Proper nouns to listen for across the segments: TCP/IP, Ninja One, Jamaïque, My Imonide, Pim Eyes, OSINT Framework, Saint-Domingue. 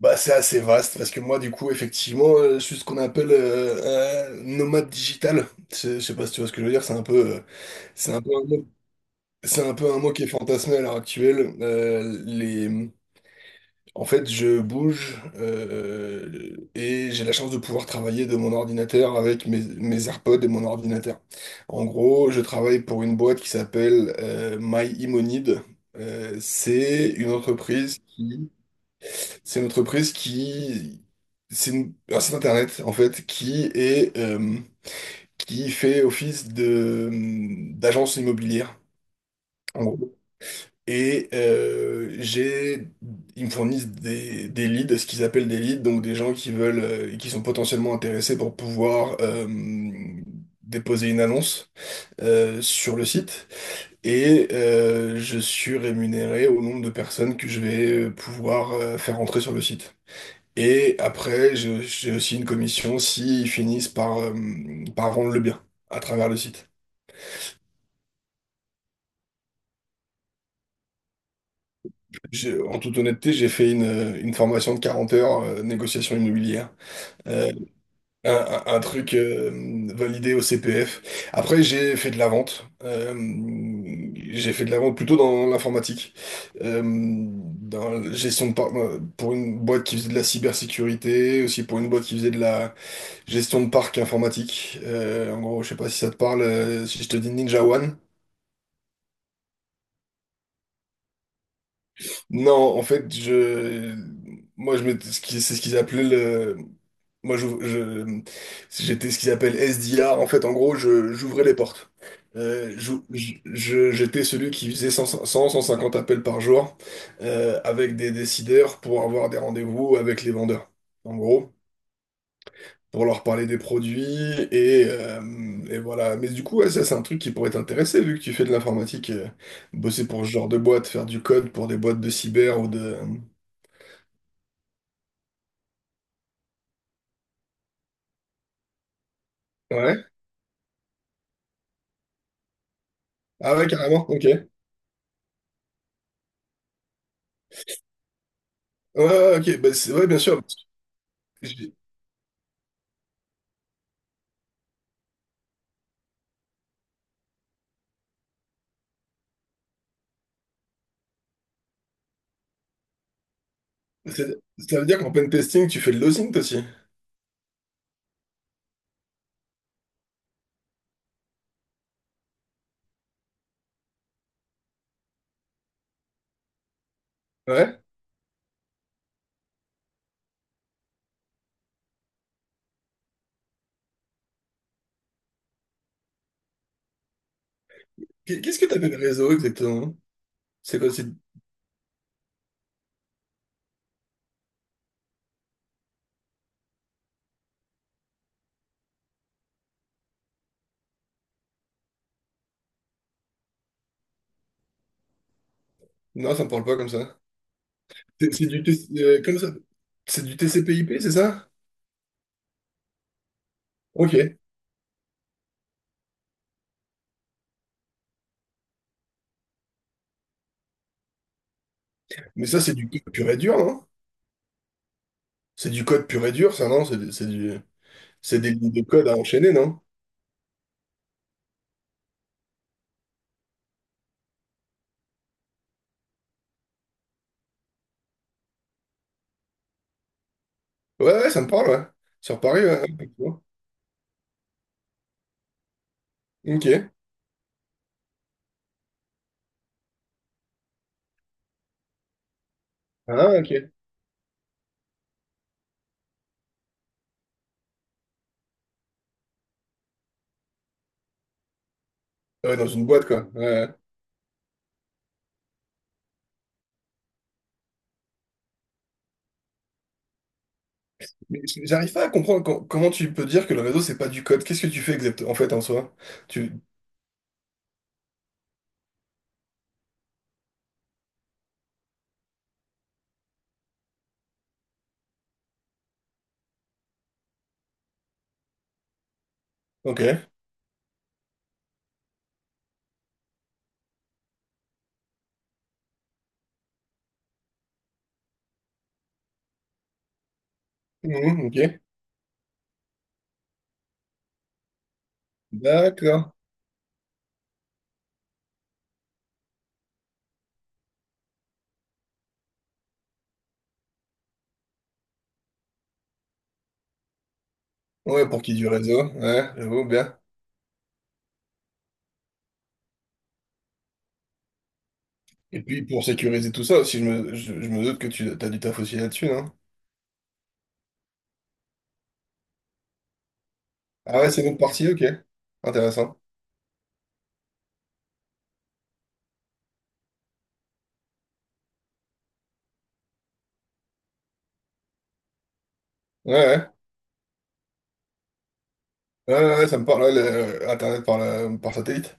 Bah, c'est assez vaste parce que moi, du coup, effectivement, je suis ce qu'on appelle un nomade digital. Je sais pas si tu vois ce que je veux dire. C'est un peu un mot, c'est un peu un mot qui est fantasmé à l'heure actuelle. En fait, je bouge et j'ai la chance de pouvoir travailler de mon ordinateur avec mes AirPods et mon ordinateur. En gros, je travaille pour une boîte qui s'appelle My Imonide. Euh, c'est une entreprise. qui c'est une entreprise qui... Un site internet, en fait, qui fait office de, d'agence immobilière, en gros. Et euh, j'ai... Ils me fournissent des, leads, ce qu'ils appellent des leads, donc des gens qui veulent... et qui sont potentiellement intéressés pour pouvoir... déposer une annonce sur le site et je suis rémunéré au nombre de personnes que je vais pouvoir faire entrer sur le site. Et après, j'ai aussi une commission s'ils finissent par, par rendre le bien à travers le site. En toute honnêteté, j'ai fait une formation de 40 heures, négociation immobilière. Euh, un, un truc validé au CPF. Après, j'ai fait de la vente. J'ai fait de la vente plutôt dans l'informatique, dans la gestion de par- pour une boîte qui faisait de la cybersécurité, aussi pour une boîte qui faisait de la gestion de parc informatique. En gros, je sais pas si ça te parle, si je te dis Ninja One. Non, en fait, je, moi, je m'étais- ce qui- c'est ce qu'ils appelaient le, moi, je, je- j'étais ce qu'ils appellent SDR. En fait, en gros, j'ouvrais les portes. J'étais celui qui faisait 150 appels par jour avec des décideurs pour avoir des rendez-vous avec les vendeurs. En gros, pour leur parler des produits et, euh, et voilà. Mais du coup, ouais, ça, c'est un truc qui pourrait t'intéresser vu que tu fais de l'informatique, bosser pour ce genre de boîte, faire du code pour des boîtes de cyber ou de. Ouais. Ah ouais, carrément, ok. Ouais, ouais, ouais, ok, bah, ouais, bien sûr. Parce que j'ai- c'est- Ça veut dire qu'en pen testing, tu fais de l'osint aussi. Ouais. Qu'est-ce que t'appelles réseau exactement? C'est quoi? Non, ça me parle pas comme ça. C'est du, comment ça? C'est du TCP/IP, c'est ça? Ok. Mais ça, c'est du code pur et dur, hein. C'est du code pur et dur, ça, non? C'est des lignes de code à enchaîner, non? Ouais, ouais, ça me parle, ouais. Sur Paris, ouais. Ouais, effectivement. Ok. Ah, ok. Ah ouais, dans une boîte, quoi. Ouais. Ouais. Mais j'arrive pas à comprendre comment tu peux dire que le réseau, c'est pas du code. Qu'est-ce que tu fais exactement, en fait, en soi? Tu... Ok. Mhm, ok. D'accord. Ouais, pour qui du réseau. Ouais, j'avoue, bien. Et puis, pour sécuriser tout ça aussi, je me doute que tu as du taf aussi là-dessus, non? Ah ouais, c'est une autre partie, ok. Intéressant. Ouais, ouais. Ouais, ouais, ouais, ça me parle, ouais, Internet par satellite.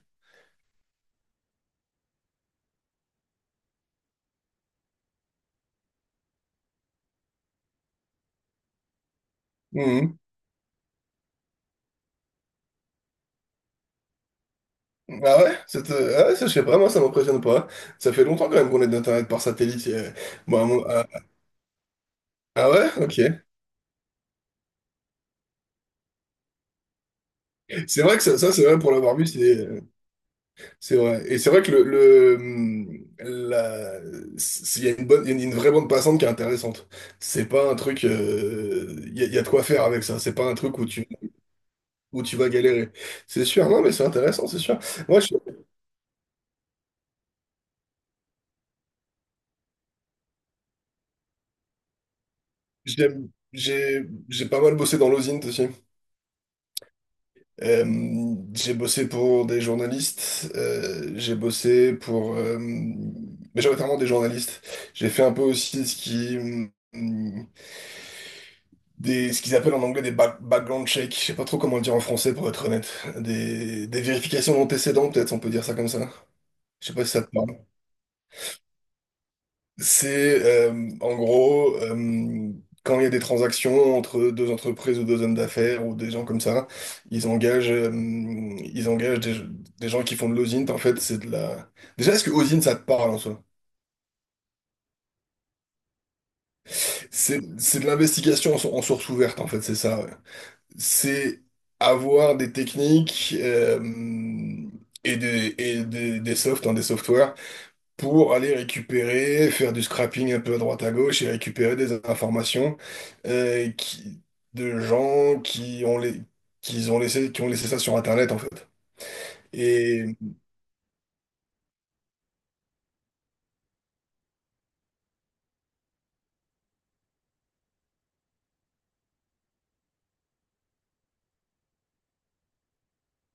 Mhm. Ah ouais, ah ouais, ça, je sais pas, moi ça m'impressionne pas. Ça fait longtemps quand même qu'on est d'Internet par satellite. Bon, ah, ah ouais, ok. C'est vrai que ça, c'est vrai pour l'avoir vu, c'est vrai. Et c'est vrai que il y a une vraie bande passante qui est intéressante. C'est pas un truc, il y a de quoi faire avec ça. C'est pas un truc où tu vas galérer. C'est sûr, non mais c'est intéressant, c'est sûr. Moi, J'aime- J'ai j'ai pas mal bossé dans l'osint aussi. J'ai bossé pour des journalistes, j'ai bossé pour majoritairement des journalistes. J'ai fait un peu aussi ce qui hum, des ce qu'ils appellent en anglais des background checks. Je sais pas trop comment le dire en français pour être honnête. Des vérifications d'antécédents peut-être, on peut dire ça comme ça. Je sais pas si ça te parle. C'est En gros quand il y a des transactions entre deux entreprises ou deux hommes d'affaires ou des gens comme ça, ils engagent, euh, ils engagent des gens qui font de l'osint. En fait, c'est de la. Déjà, est-ce que osint ça te parle en soi? C'est de l'investigation en source ouverte en fait, c'est ça. Ouais. C'est avoir des techniques et des softs, hein, des softwares pour aller récupérer, faire du scrapping un peu à droite à gauche et récupérer des informations euh, qui- de gens qui ont laissé ça sur Internet, en fait. Et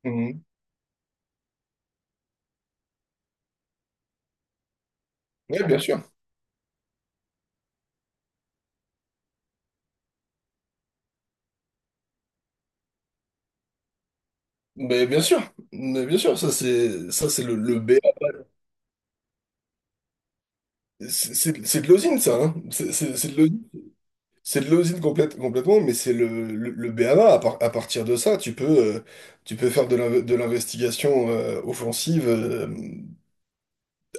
Mhm. Ouais, bien sûr. Mais bien sûr, ça c'est le, B. A. C'est de l'osine, ça, hein. C'est de l'osine. C'est de l'osine complètement, mais c'est le B a B A. À partir de ça, euh, tu peux faire de l'investigation offensive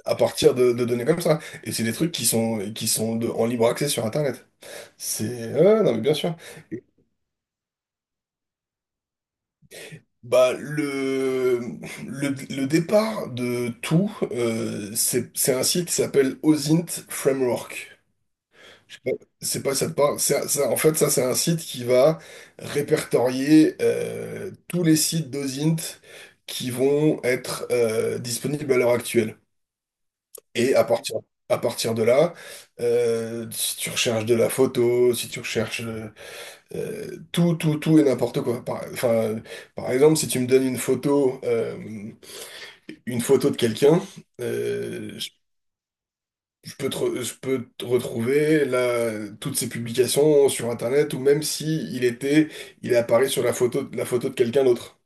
à partir de données comme ça. Et c'est des trucs qui sont en libre accès sur Internet. C'est... ouais, non, mais bien sûr. Et, Bah, le, le départ de tout, c'est un site qui s'appelle OSINT Framework. Je sais pas- C'est pas ça te parle. En fait, ça, c'est un site qui va répertorier tous les sites d'OSINT qui vont être disponibles à l'heure actuelle. Et à partir de là, si tu recherches de la photo, si tu recherches tout, tout, tout et n'importe quoi. Enfin, par exemple, si tu me donnes une photo de quelqu'un, euh, je je peux te retrouver là, toutes ses publications sur Internet, ou même si il est apparu sur la photo, de quelqu'un d'autre.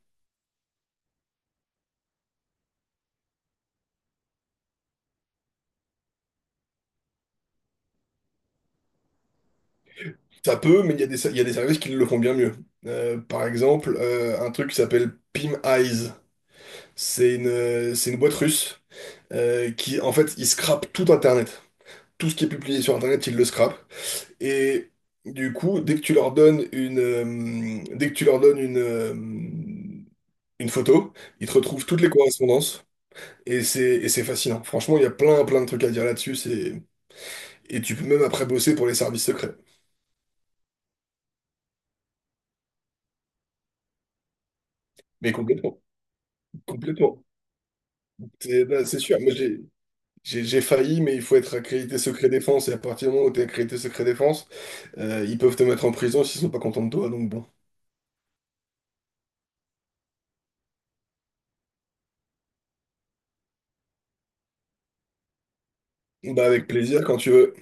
Ça peut, mais il y a des services qui le font bien mieux. Par exemple, un truc qui s'appelle Pim Eyes. C'est une boîte russe qui, en fait, ils scrapent tout Internet. Tout ce qui est publié sur Internet, ils le scrapent. Et du coup, dès que tu leur donnes une photo, ils te retrouvent toutes les correspondances. Et c'est fascinant. Franchement, il y a plein, plein de trucs à dire là-dessus. Et tu peux même après bosser pour les services secrets. Mais complètement, complètement. C'est là, c'est sûr. Moi, j'ai failli, mais il faut être accrédité secret défense. Et à partir du moment où tu es accrédité secret défense, ils peuvent te mettre en prison s'ils sont pas contents de toi, donc bon. Bah avec plaisir quand tu veux.